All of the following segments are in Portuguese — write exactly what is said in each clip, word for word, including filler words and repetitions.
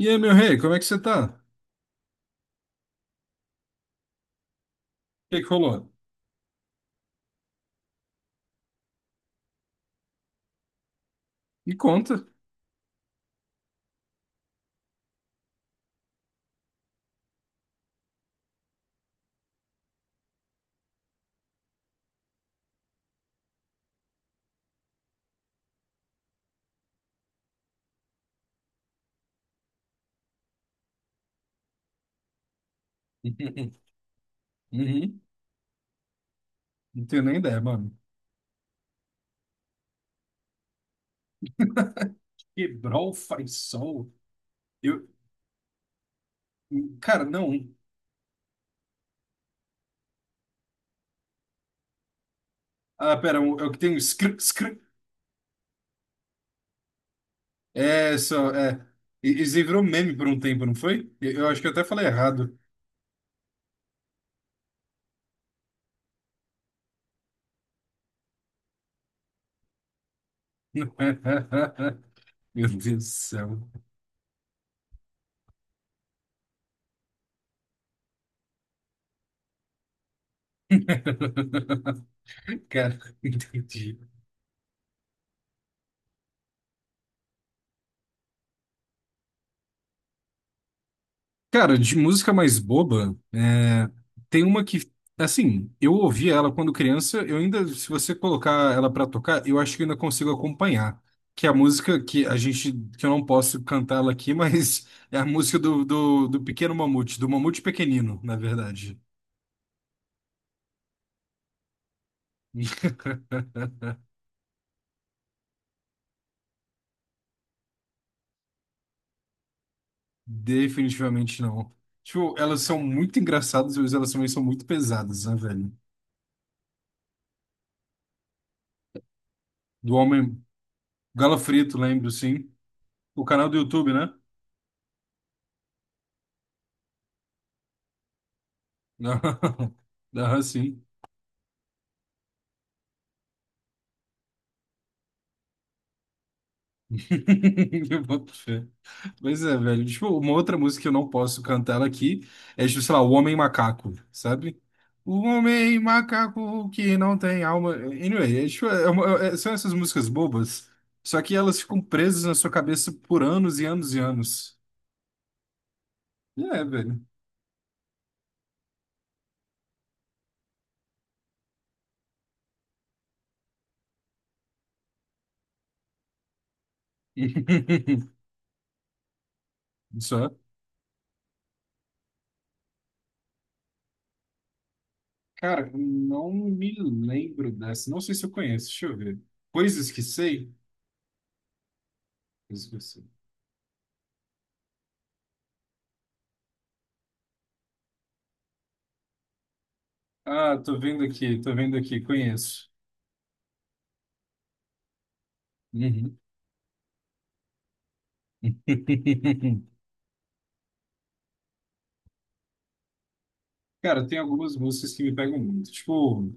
E aí, meu rei, como é que você tá? O que que rolou? Me conta. Uhum. Não tenho nem ideia, mano. Quebrou o Faisal? Eu... Cara, não. Ah, pera, um, é o que tem um scr... scr... É, só... É. E- Isso aí virou meme por um tempo, não foi? Eu eu acho que eu até falei errado. Meu Deus do céu. Cara, entendi. Cara, de música mais boba, é, tem uma que, assim, eu ouvi ela quando criança, eu ainda, se você colocar ela pra tocar, eu acho que eu ainda consigo acompanhar. Que é a música que a gente, que eu não posso cantá-la aqui, mas é a música do, do, do Pequeno Mamute, do Mamute Pequenino, na verdade. Definitivamente não. Tipo, elas são muito engraçadas, mas elas também são muito pesadas, né, velho? Do Homem Galo Frito, lembro, sim. O canal do YouTube, né? Não, não, assim. Eu boto fé. Mas é, velho. Tipo, uma outra música que eu não posso cantar ela aqui é, tipo, sei lá, O Homem Macaco, sabe? O Homem Macaco que não tem alma. Anyway, é, tipo, é uma- é- são essas músicas bobas, só que elas ficam presas na sua cabeça por anos e anos e anos. E É, velho. Só. Cara, não me lembro dessa. Não sei se eu conheço. Deixa eu ver. Coisas que sei. Coisas que eu sei. Ah, tô vendo aqui, tô vendo aqui, conheço. Uhum. Cara, tem algumas músicas que me pegam muito. Tipo,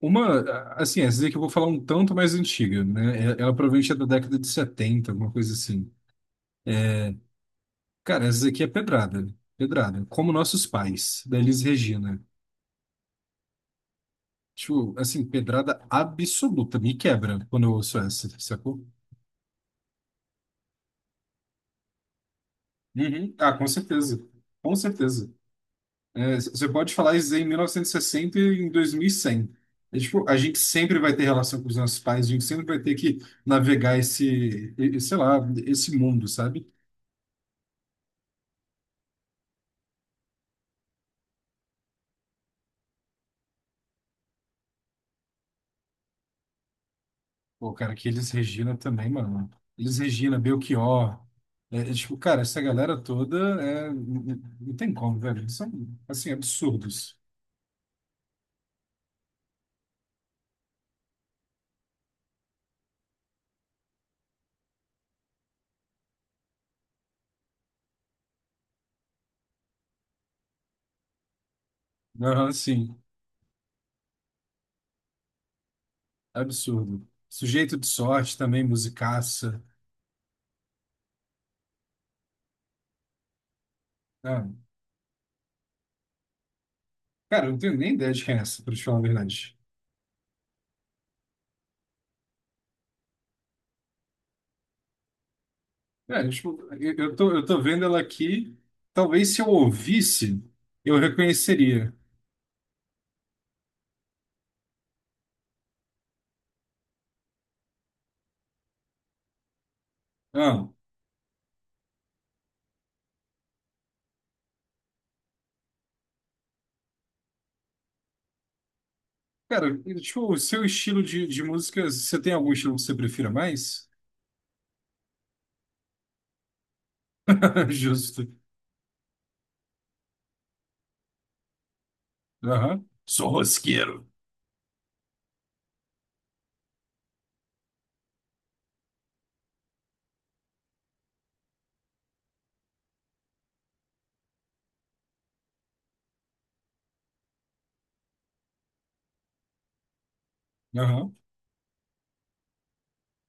uma, assim, essa daqui eu vou falar um tanto mais antiga, né? Ela ela provavelmente é da década de setenta, alguma coisa assim. Cara, essa daqui é pedrada, pedrada. Como Nossos Pais, da Elis Regina. Tipo, assim, pedrada absoluta. Me quebra quando eu ouço essa, sacou? Uhum. Ah, com certeza. Com certeza. É, c- você pode falar isso em mil novecentos e sessenta e sessenta e em dois mil e cem. É, tipo, a gente sempre vai ter relação com os nossos pais, a gente sempre vai ter que navegar esse, e- e, sei lá, esse mundo, sabe? Pô, cara, que eles Regina também, mano. Eles Regina, Belchior. É, é, tipo, cara, essa galera toda é, n- n- não tem como, velho. Eles são, assim, absurdos. Aham, sim, absurdo. Sujeito de sorte também, musicaça. Ah, cara, eu não tenho nem ideia de quem é essa, pra te falar a verdade. É, tipo, eu eu tô, eu tô vendo ela aqui. Talvez se eu ouvisse, eu reconheceria. Ah, cara, tipo, o seu estilo de, de música, você tem algum estilo que você prefira mais? Justo. Aham. Sou rosqueiro. Aham.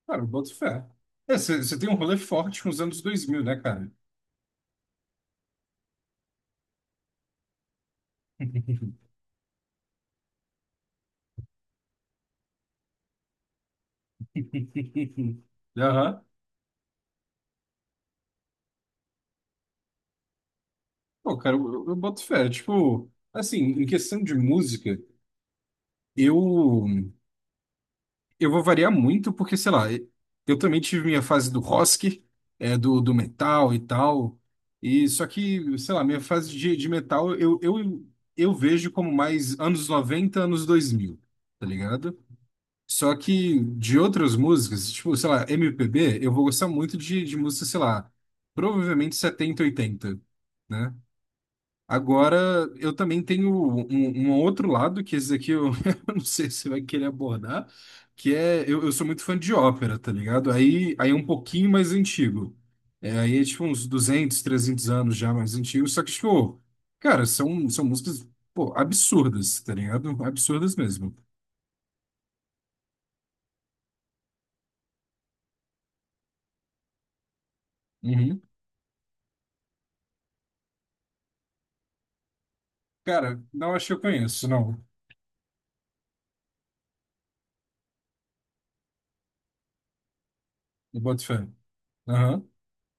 Cara, eu boto fé. É, você você tem um rolê forte com os anos dois mil né, cara? Aham. Pô, cara, eu, eu boto fé. Tipo, assim, em questão de música, eu. Eu vou variar muito, porque, sei lá, eu também tive minha fase do rock, é, do, do metal e tal. E só que, sei lá, minha fase de, de metal eu, eu, eu vejo como mais anos noventa anos dois mil tá ligado? Só que de outras músicas, tipo, sei lá, M P B, eu vou gostar muito de, de música, sei lá, provavelmente setenta oitenta, né? Agora, eu também tenho um, um outro lado, que esse aqui eu, eu não sei se você vai querer abordar, que é, eu, eu sou muito fã de ópera, tá ligado? Aí, aí é um pouquinho mais antigo. É, aí é tipo uns duzentos trezentos anos já mais antigo, só que tipo, cara, são, são músicas, pô, absurdas, tá ligado? Absurdas mesmo. Uhum. Cara, não acho que eu conheço, não. Eu boto fé. Aham.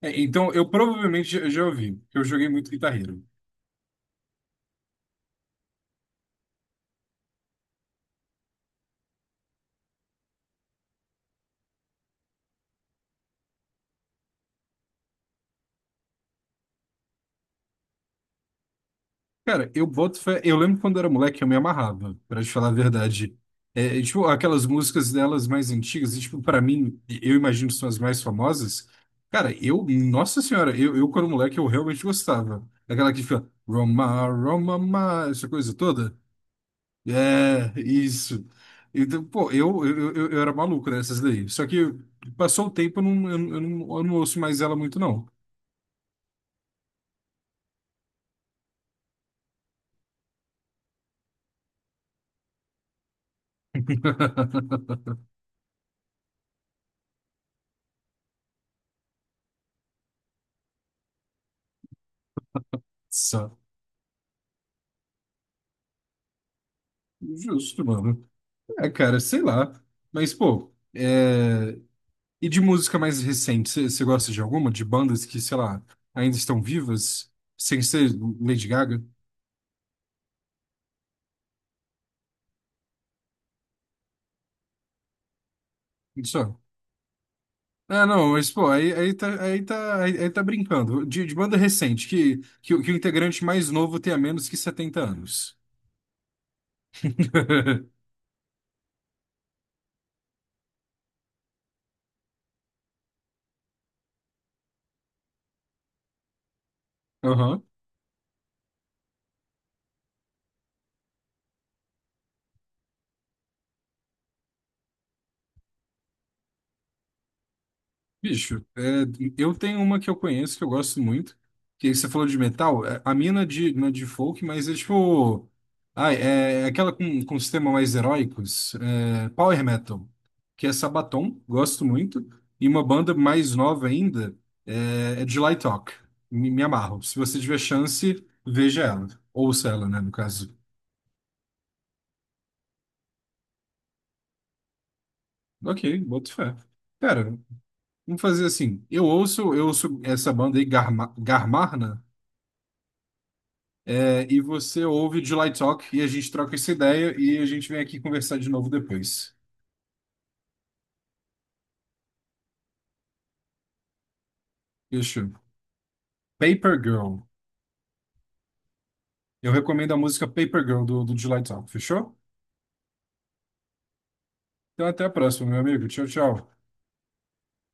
É, então, eu provavelmente já já ouvi, porque eu joguei muito guitarreiro. Cara, eu boto fé. Eu lembro quando era moleque, eu me amarrava, pra te falar a verdade. É, é, tipo, aquelas músicas delas mais antigas, e, tipo, pra mim, eu imagino que são as mais famosas. Cara, eu, nossa senhora, eu, eu quando moleque, eu realmente gostava. Aquela que fica Roma, Roma, ma", essa coisa toda. É, isso. Então, pô, eu, eu, eu, eu era maluco nessas daí. Só que passou o tempo, eu não, eu, não, eu não eu não ouço mais ela muito, não. Só. Justo, mano. É, cara, sei lá. Mas, pô, é... e de música mais recente, você gosta de alguma? De bandas que, sei lá, ainda estão vivas? Sem ser Lady Gaga? Só. Ah, não, mas, pô, aí, aí tá, aí tá, aí, aí tá brincando. De, de banda recente, que, que, o que o integrante mais novo tenha menos que setenta anos. Aham. Bicho, é, eu tenho uma que eu conheço que eu gosto muito, que você falou de metal, é, a minha não é de, não é de folk, mas é tipo. Ai, é é aquela com, com um sistema mais heróicos, é, Power Metal, que é Sabaton, gosto muito, e uma banda mais nova ainda é, é July Talk, me, me amarro. Se você tiver chance, veja ela, ouça ela, né, no caso. Ok, boto fé. Pera, vamos fazer assim, eu ouço, eu ouço essa banda aí, Garma, Garmarna. É, e você ouve o July Talk e a gente troca essa ideia e a gente vem aqui conversar de novo depois. Fechou? Paper Girl. Eu recomendo a música Paper Girl do, do July Talk, fechou? Então até a próxima, meu amigo. Tchau, tchau.